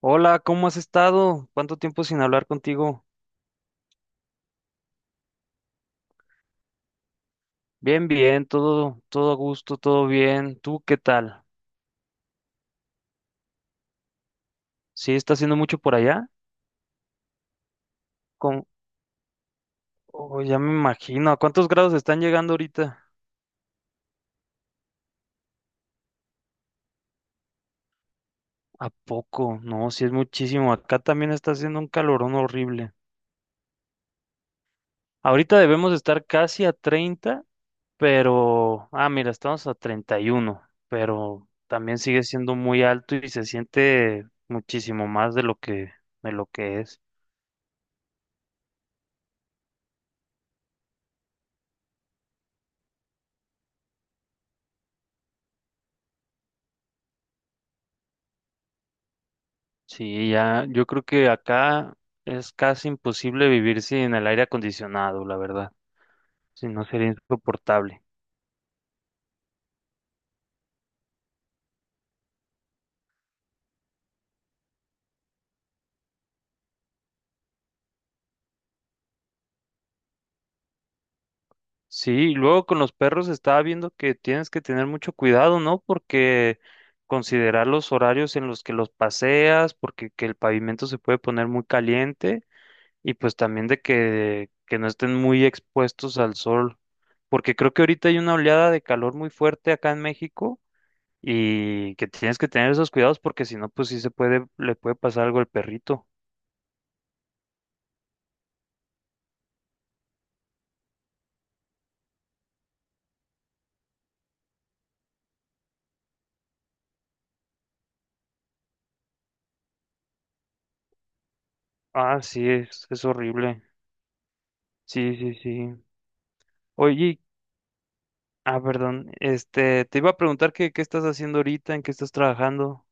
Hola, ¿cómo has estado? ¿Cuánto tiempo sin hablar contigo? Bien, bien, todo a gusto, todo bien. ¿Tú qué tal? ¿Sí está haciendo mucho por allá? Con, oh, ya me imagino. ¿A cuántos grados están llegando ahorita? ¿A poco? No, sí es muchísimo. Acá también está haciendo un calorón horrible. Ahorita debemos estar casi a 30, pero... Ah, mira, estamos a 31, pero también sigue siendo muy alto y se siente muchísimo más de lo que es. Sí, ya, yo creo que acá es casi imposible vivir sin el aire acondicionado, la verdad. Si no sería insoportable. Sí, y luego con los perros estaba viendo que tienes que tener mucho cuidado, ¿no? Porque considerar los horarios en los que los paseas, porque que el pavimento se puede poner muy caliente y pues también de que no estén muy expuestos al sol, porque creo que ahorita hay una oleada de calor muy fuerte acá en México y que tienes que tener esos cuidados porque si no, pues sí se puede, le puede pasar algo al perrito. Ah, sí, es horrible. Sí, sí, sí. Oye, ah, perdón, te iba a preguntar que, qué estás haciendo ahorita, en qué estás trabajando.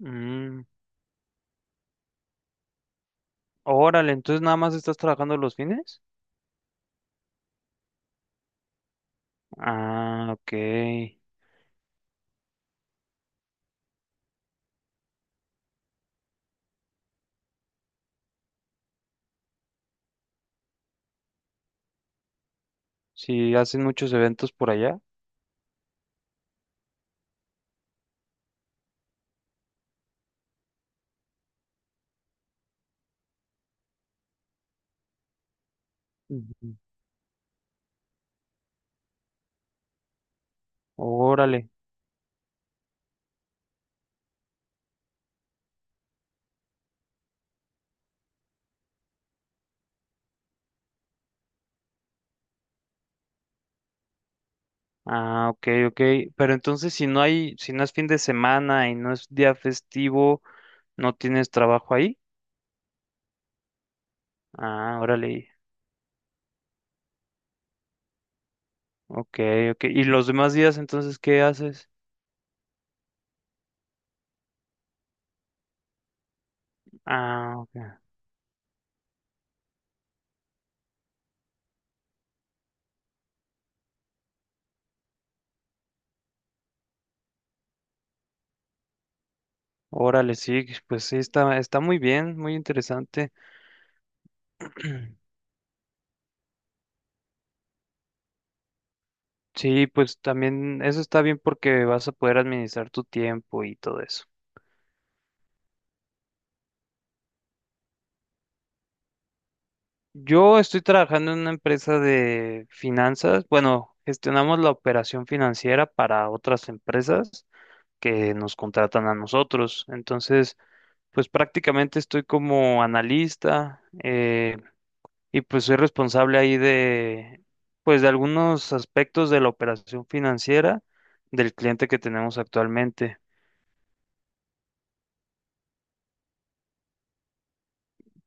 Mm, órale, entonces nada más estás trabajando los fines. Ah, ok. Sí, hacen muchos eventos por allá. Ujú. Órale. Ah, ok, ok. Pero entonces si no hay, si no es fin de semana y no es día festivo, ¿no tienes trabajo ahí? Ah, órale. Ok, ok. ¿Y los demás días entonces qué haces? Ah, ok. Órale, sí, pues sí, está, está muy bien, muy interesante. Sí, pues también eso está bien porque vas a poder administrar tu tiempo y todo eso. Yo estoy trabajando en una empresa de finanzas. Bueno, gestionamos la operación financiera para otras empresas que nos contratan a nosotros. Entonces, pues prácticamente estoy como analista. Y pues soy responsable ahí de, pues de algunos aspectos de la operación financiera del cliente que tenemos actualmente.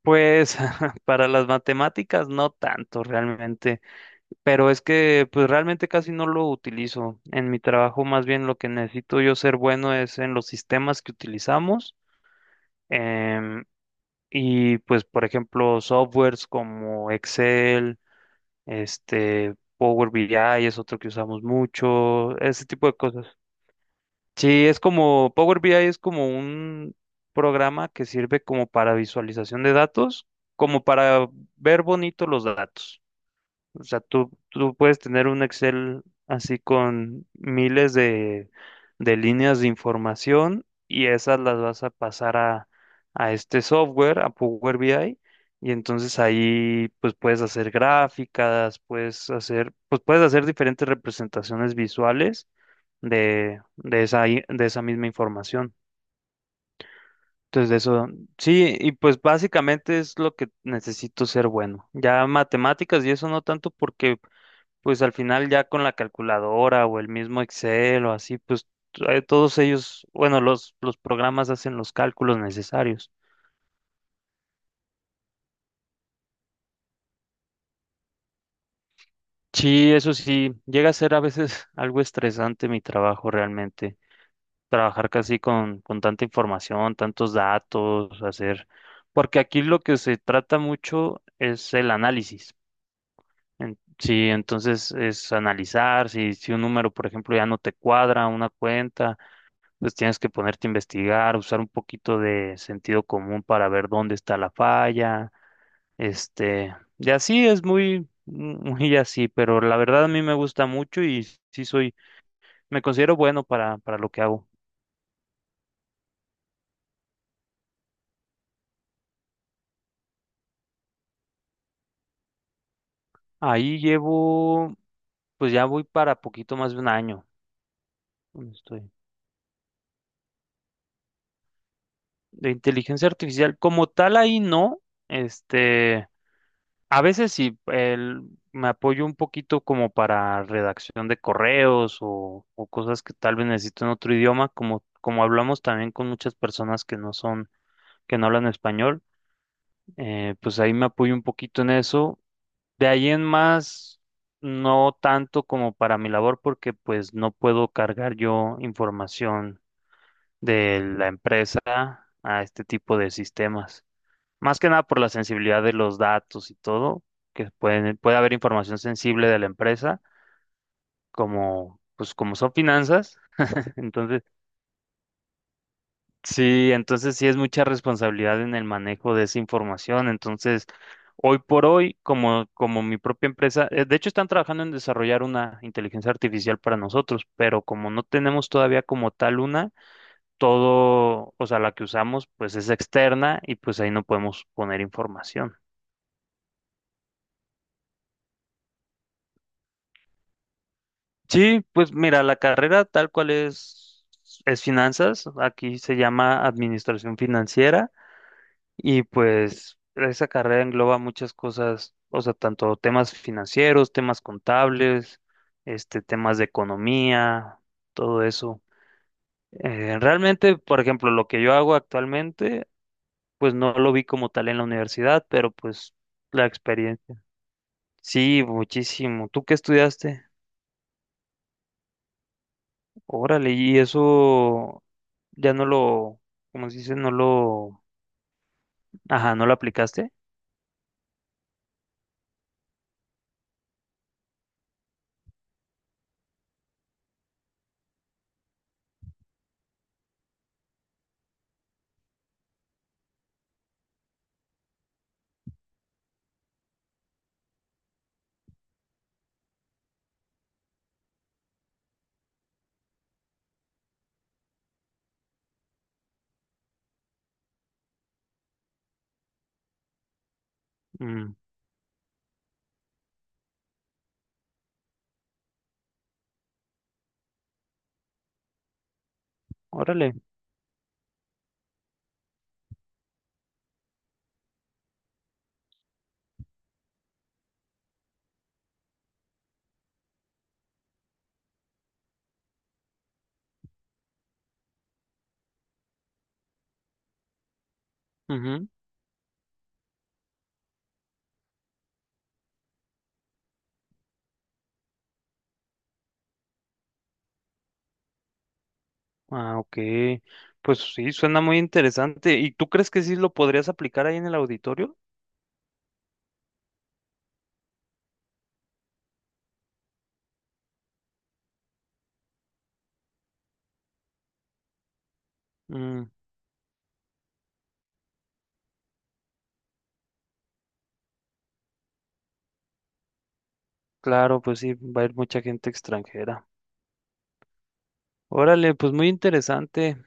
Pues para las matemáticas no tanto realmente, pero es que pues realmente casi no lo utilizo. En mi trabajo más bien lo que necesito yo ser bueno es en los sistemas que utilizamos em, y pues por ejemplo softwares como Excel, este Power BI es otro que usamos mucho, ese tipo de cosas. Sí, es como Power BI es como un programa que sirve como para visualización de datos, como para ver bonito los datos. O sea, tú puedes tener un Excel así con miles de líneas de información y esas las vas a pasar a este software, a Power BI, y entonces ahí pues puedes hacer gráficas, puedes hacer, pues puedes hacer diferentes representaciones visuales de esa, de esa misma información. Entonces, de eso, sí, y pues básicamente es lo que necesito ser bueno. Ya matemáticas y eso no tanto porque, pues al final ya con la calculadora o el mismo Excel o así, pues todos ellos, bueno, los programas hacen los cálculos necesarios. Sí, eso sí, llega a ser a veces algo estresante mi trabajo realmente. Trabajar casi con tanta información, tantos datos, hacer, porque aquí lo que se trata mucho es el análisis. Sí, entonces es analizar, si, si un número, por ejemplo, ya no te cuadra una cuenta, pues tienes que ponerte a investigar, usar un poquito de sentido común para ver dónde está la falla, y así es muy, muy así, pero la verdad a mí me gusta mucho y sí soy, me considero bueno para lo que hago. Ahí llevo, pues ya voy para poquito más de un año donde estoy. De inteligencia artificial, como tal, ahí no. Este, a veces sí, me apoyo un poquito como para redacción de correos o cosas que tal vez necesito en otro idioma, como, como hablamos también con muchas personas que no son, que no hablan español. Pues ahí me apoyo un poquito en eso. De ahí en más, no tanto como para mi labor, porque pues no puedo cargar yo información de la empresa a este tipo de sistemas. Más que nada por la sensibilidad de los datos y todo, que pueden, puede haber información sensible de la empresa, como pues como son finanzas, entonces sí, entonces sí es mucha responsabilidad en el manejo de esa información. Entonces, hoy por hoy, como, como mi propia empresa, de hecho están trabajando en desarrollar una inteligencia artificial para nosotros, pero como no tenemos todavía como tal una, todo, o sea, la que usamos, pues es externa y pues ahí no podemos poner información. Sí, pues mira, la carrera tal cual es finanzas, aquí se llama administración financiera. Y pues esa carrera engloba muchas cosas, o sea, tanto temas financieros, temas contables, temas de economía, todo eso. Realmente, por ejemplo, lo que yo hago actualmente, pues no lo vi como tal en la universidad, pero pues la experiencia. Sí, muchísimo. ¿Tú qué estudiaste? Órale, y eso ya no lo, como se dice? No lo, ajá, no lo aplicaste. Mm, órale. Ah, ok. Pues sí, suena muy interesante. ¿Y tú crees que sí lo podrías aplicar ahí en el auditorio? Mm, claro, pues sí, va a ir mucha gente extranjera. Órale, pues muy interesante.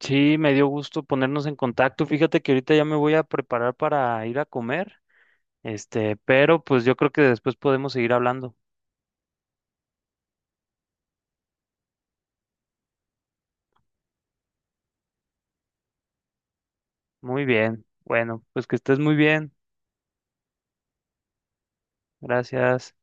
Sí, me dio gusto ponernos en contacto. Fíjate que ahorita ya me voy a preparar para ir a comer. Pero pues yo creo que después podemos seguir hablando. Muy bien. Bueno, pues que estés muy bien. Gracias.